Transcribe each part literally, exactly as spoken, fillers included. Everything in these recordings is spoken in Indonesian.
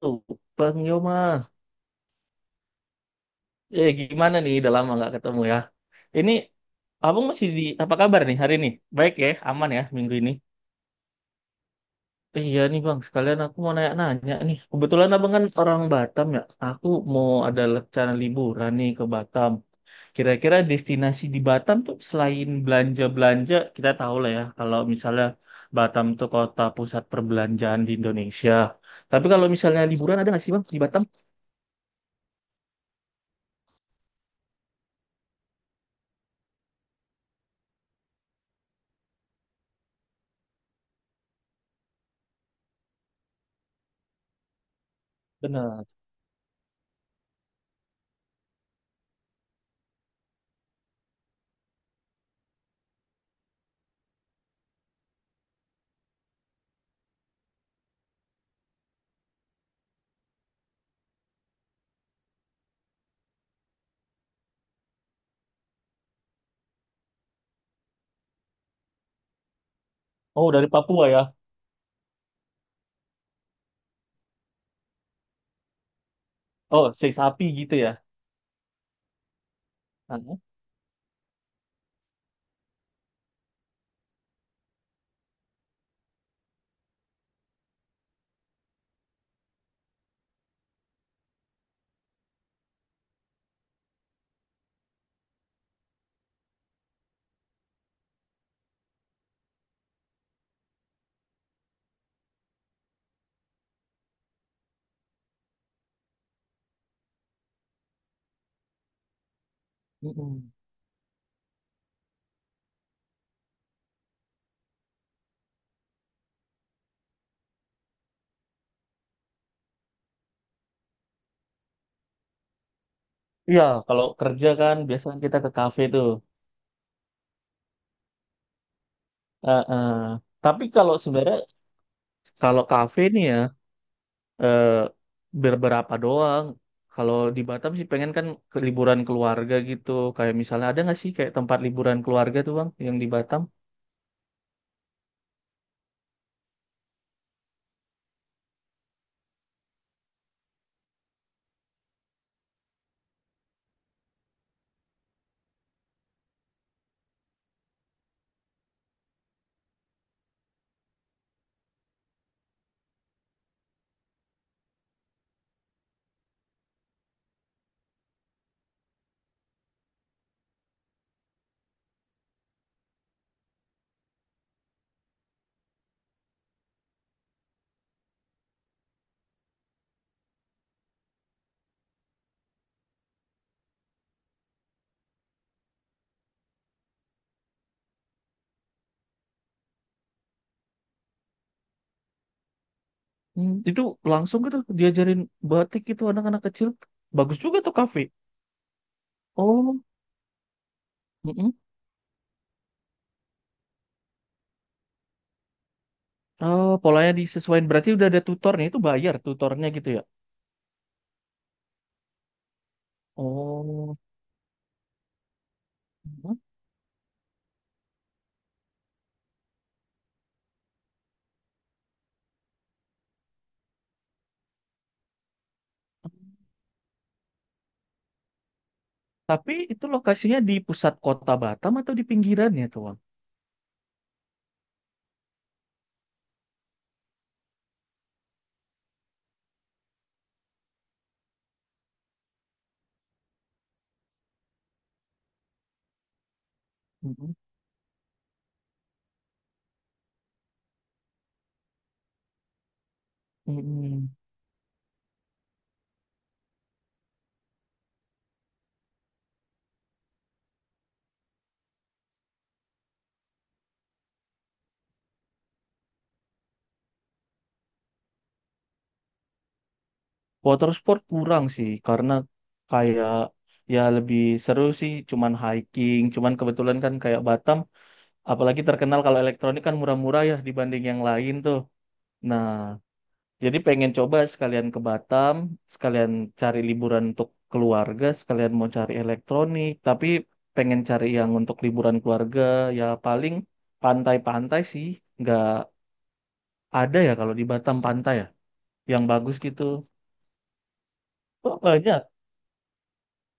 Tuh, Bang Yoma. Eh, gimana nih? Udah lama nggak ketemu ya. Ini, abang masih di, apa kabar nih hari ini? Baik ya, aman ya minggu ini. Eh, Iya nih Bang, sekalian aku mau nanya-nanya nih. Kebetulan abang kan orang Batam ya. Aku mau ada rencana liburan nih ke Batam. Kira-kira destinasi di Batam tuh selain belanja-belanja, kita tahu lah ya. Kalau misalnya Batam tuh kota pusat perbelanjaan di Indonesia. Tapi kalau misalnya liburan ada nggak sih Bang di Batam? Benar. Oh, dari Papua ya. Oh, si sapi gitu ya. Heeh. Mm-mm. Iya, kalau kerja kan biasanya kita ke kafe tuh. Eh, eh. Tapi kalau sebenarnya kalau kafe nih ya eh, beberapa doang. Kalau di Batam sih pengen kan ke liburan keluarga gitu. Kayak misalnya ada nggak sih kayak tempat liburan keluarga tuh bang yang di Batam? Hmm, itu langsung gitu diajarin batik gitu anak-anak kecil. Bagus juga tuh kafe. Oh, mm-mm. Oh, polanya disesuaikan berarti udah ada tutornya itu bayar tutornya gitu ya. Oh. Mhm. Tapi itu lokasinya di pusat kota Batam atau di pinggirannya tuh, Bang? Mhm. Mhm. Water sport kurang sih karena kayak ya lebih seru sih cuman hiking, cuman kebetulan kan kayak Batam apalagi terkenal kalau elektronik kan murah-murah ya dibanding yang lain tuh. Nah, jadi pengen coba sekalian ke Batam, sekalian cari liburan untuk keluarga, sekalian mau cari elektronik, tapi pengen cari yang untuk liburan keluarga, ya paling pantai-pantai sih, nggak ada ya kalau di Batam pantai ya, yang bagus gitu. Oh, banyak.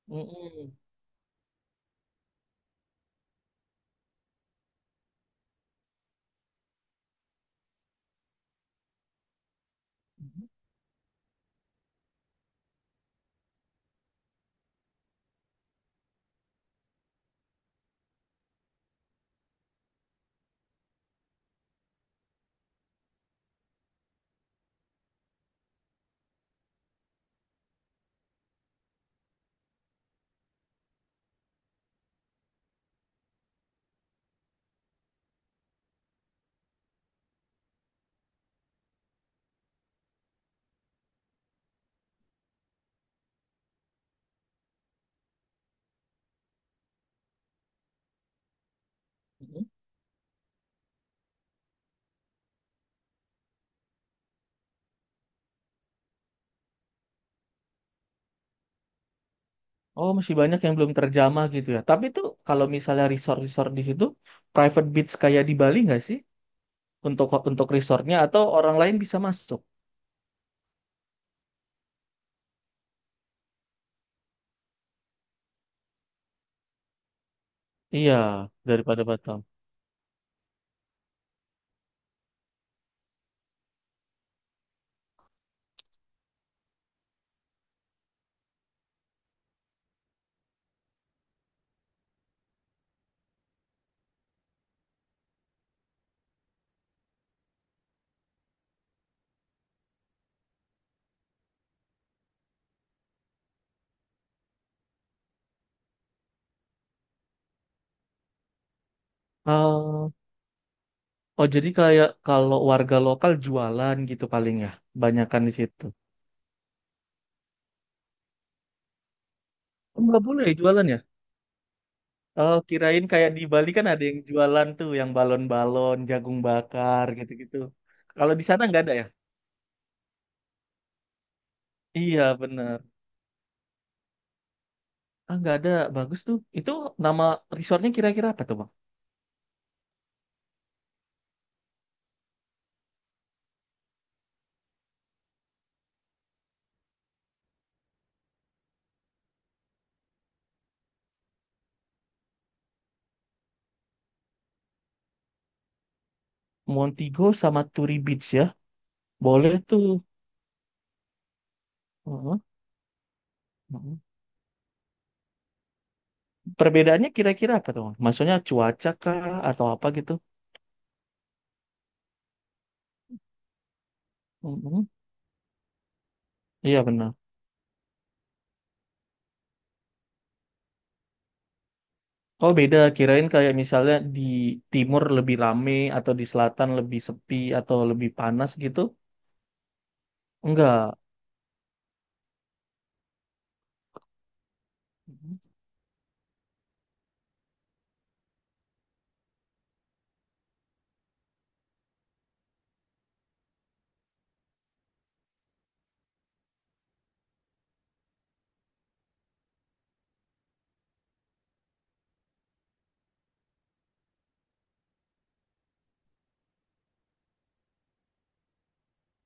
Mm-mm. Mm-mm. Oh, masih banyak yang belum terjamah gitu ya. Tapi tuh kalau misalnya resort-resort di situ, private beach kayak di Bali nggak sih? Untuk untuk resortnya atau orang lain bisa masuk? Iya, daripada Batam. Oh, oh jadi kayak kalau warga lokal jualan gitu paling ya, banyakan di situ. Oh, nggak boleh ya jualan ya? Oh, kirain kayak di Bali kan ada yang jualan tuh, yang balon-balon, jagung bakar gitu-gitu. Kalau di sana nggak ada ya? Iya bener. Ah nggak ada, bagus tuh. Itu nama resortnya kira-kira apa tuh bang? Montego sama Turi Beach ya? Boleh tuh. Heeh, heeh. Perbedaannya kira-kira apa tuh bang? Maksudnya cuaca kah atau apa gitu? Heeh. Iya bener. Oh beda, kirain kayak misalnya di timur lebih rame atau di selatan lebih sepi atau lebih panas gitu. Enggak.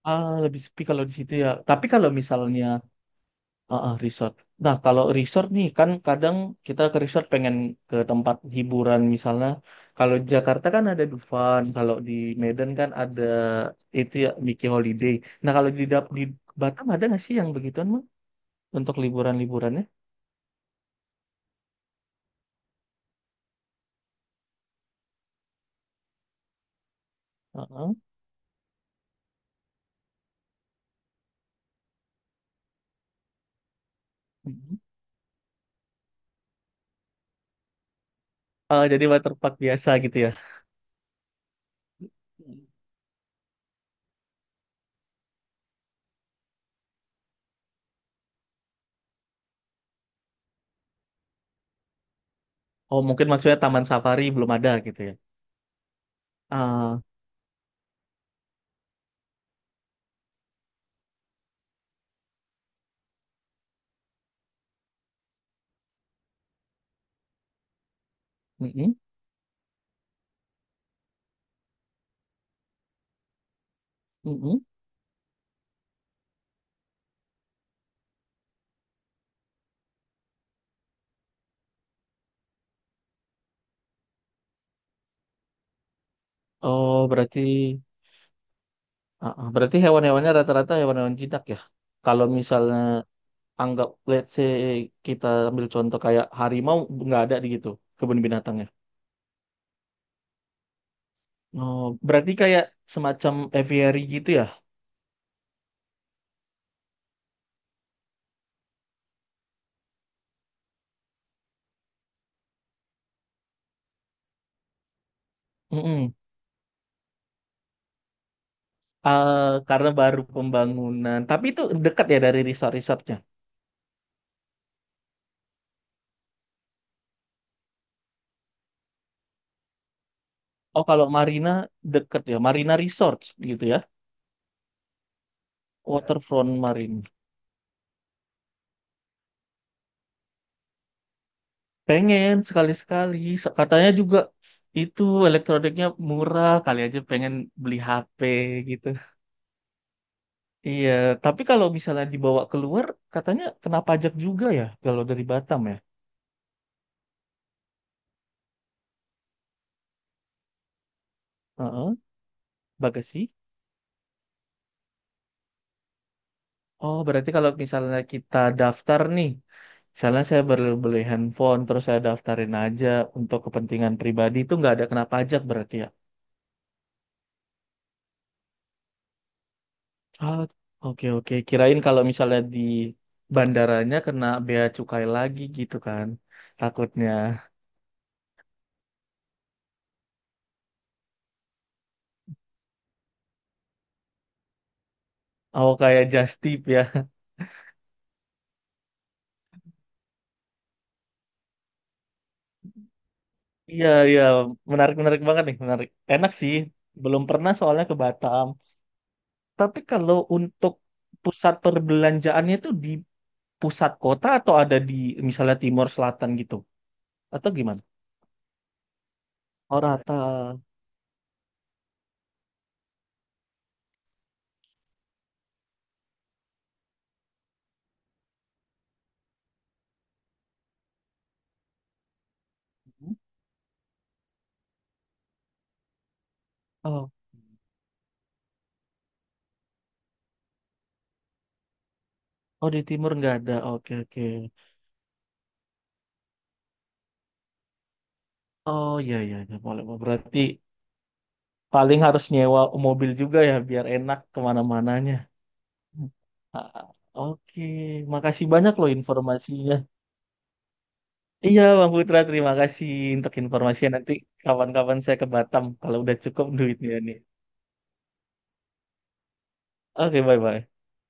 Ah, lebih sepi kalau di situ ya. Tapi kalau misalnya ah, ah, resort. Nah, kalau resort nih kan kadang kita ke resort pengen ke tempat hiburan misalnya. Kalau di Jakarta kan ada Dufan, kalau di Medan kan ada itu ya Mickey Holiday. Nah, kalau di Dap- di Batam ada nggak sih yang begituan, Mang? Untuk liburan-liburannya? Heeh. Mhm. Ah, jadi waterpark biasa gitu ya. Oh, mungkin maksudnya taman safari belum ada gitu ya. Ah, mm-mm, mm-mm. Oh, berarti ah, ah, berarti hewan-hewannya rata-rata hewan-hewan jinak ya. Kalau misalnya anggap let's say kita ambil contoh kayak harimau nggak ada di gitu kebun binatangnya. Oh, berarti kayak semacam aviary gitu ya. Mm-mm. Ah, karena baru pembangunan. Tapi itu dekat ya dari resort-resortnya. Oh, kalau Marina dekat ya. Marina Resort gitu ya. Waterfront Marina. Pengen sekali-sekali. Se- Katanya juga itu elektroniknya murah. Kali aja pengen beli H P gitu. Iya, tapi kalau misalnya dibawa keluar, katanya kena pajak juga ya kalau dari Batam ya. Heeh, bagasi. Oh, berarti kalau misalnya kita daftar nih, misalnya saya baru beli handphone, terus saya daftarin aja untuk kepentingan pribadi itu nggak ada kena pajak berarti ya. Ah, oke oke. Kirain kalau misalnya di bandaranya kena bea cukai lagi gitu kan. Takutnya. Oh, kayak just tip ya. Iya, iya. Menarik-menarik banget nih, menarik. Enak sih. Belum pernah soalnya ke Batam. Tapi kalau untuk pusat perbelanjaannya itu di pusat kota atau ada di misalnya timur selatan gitu? Atau gimana? Oh, rata. Oh, oh di timur nggak ada. Oke, oke. Oh, iya, iya, iya. Boleh. Berarti paling harus nyewa mobil juga ya biar enak kemana-mananya. Ah, oke, makasih banyak loh informasinya. Iya Bang Putra, terima kasih untuk informasinya. Nanti kawan-kawan saya ke Batam kalau udah cukup duitnya nih. Oke, bye-bye.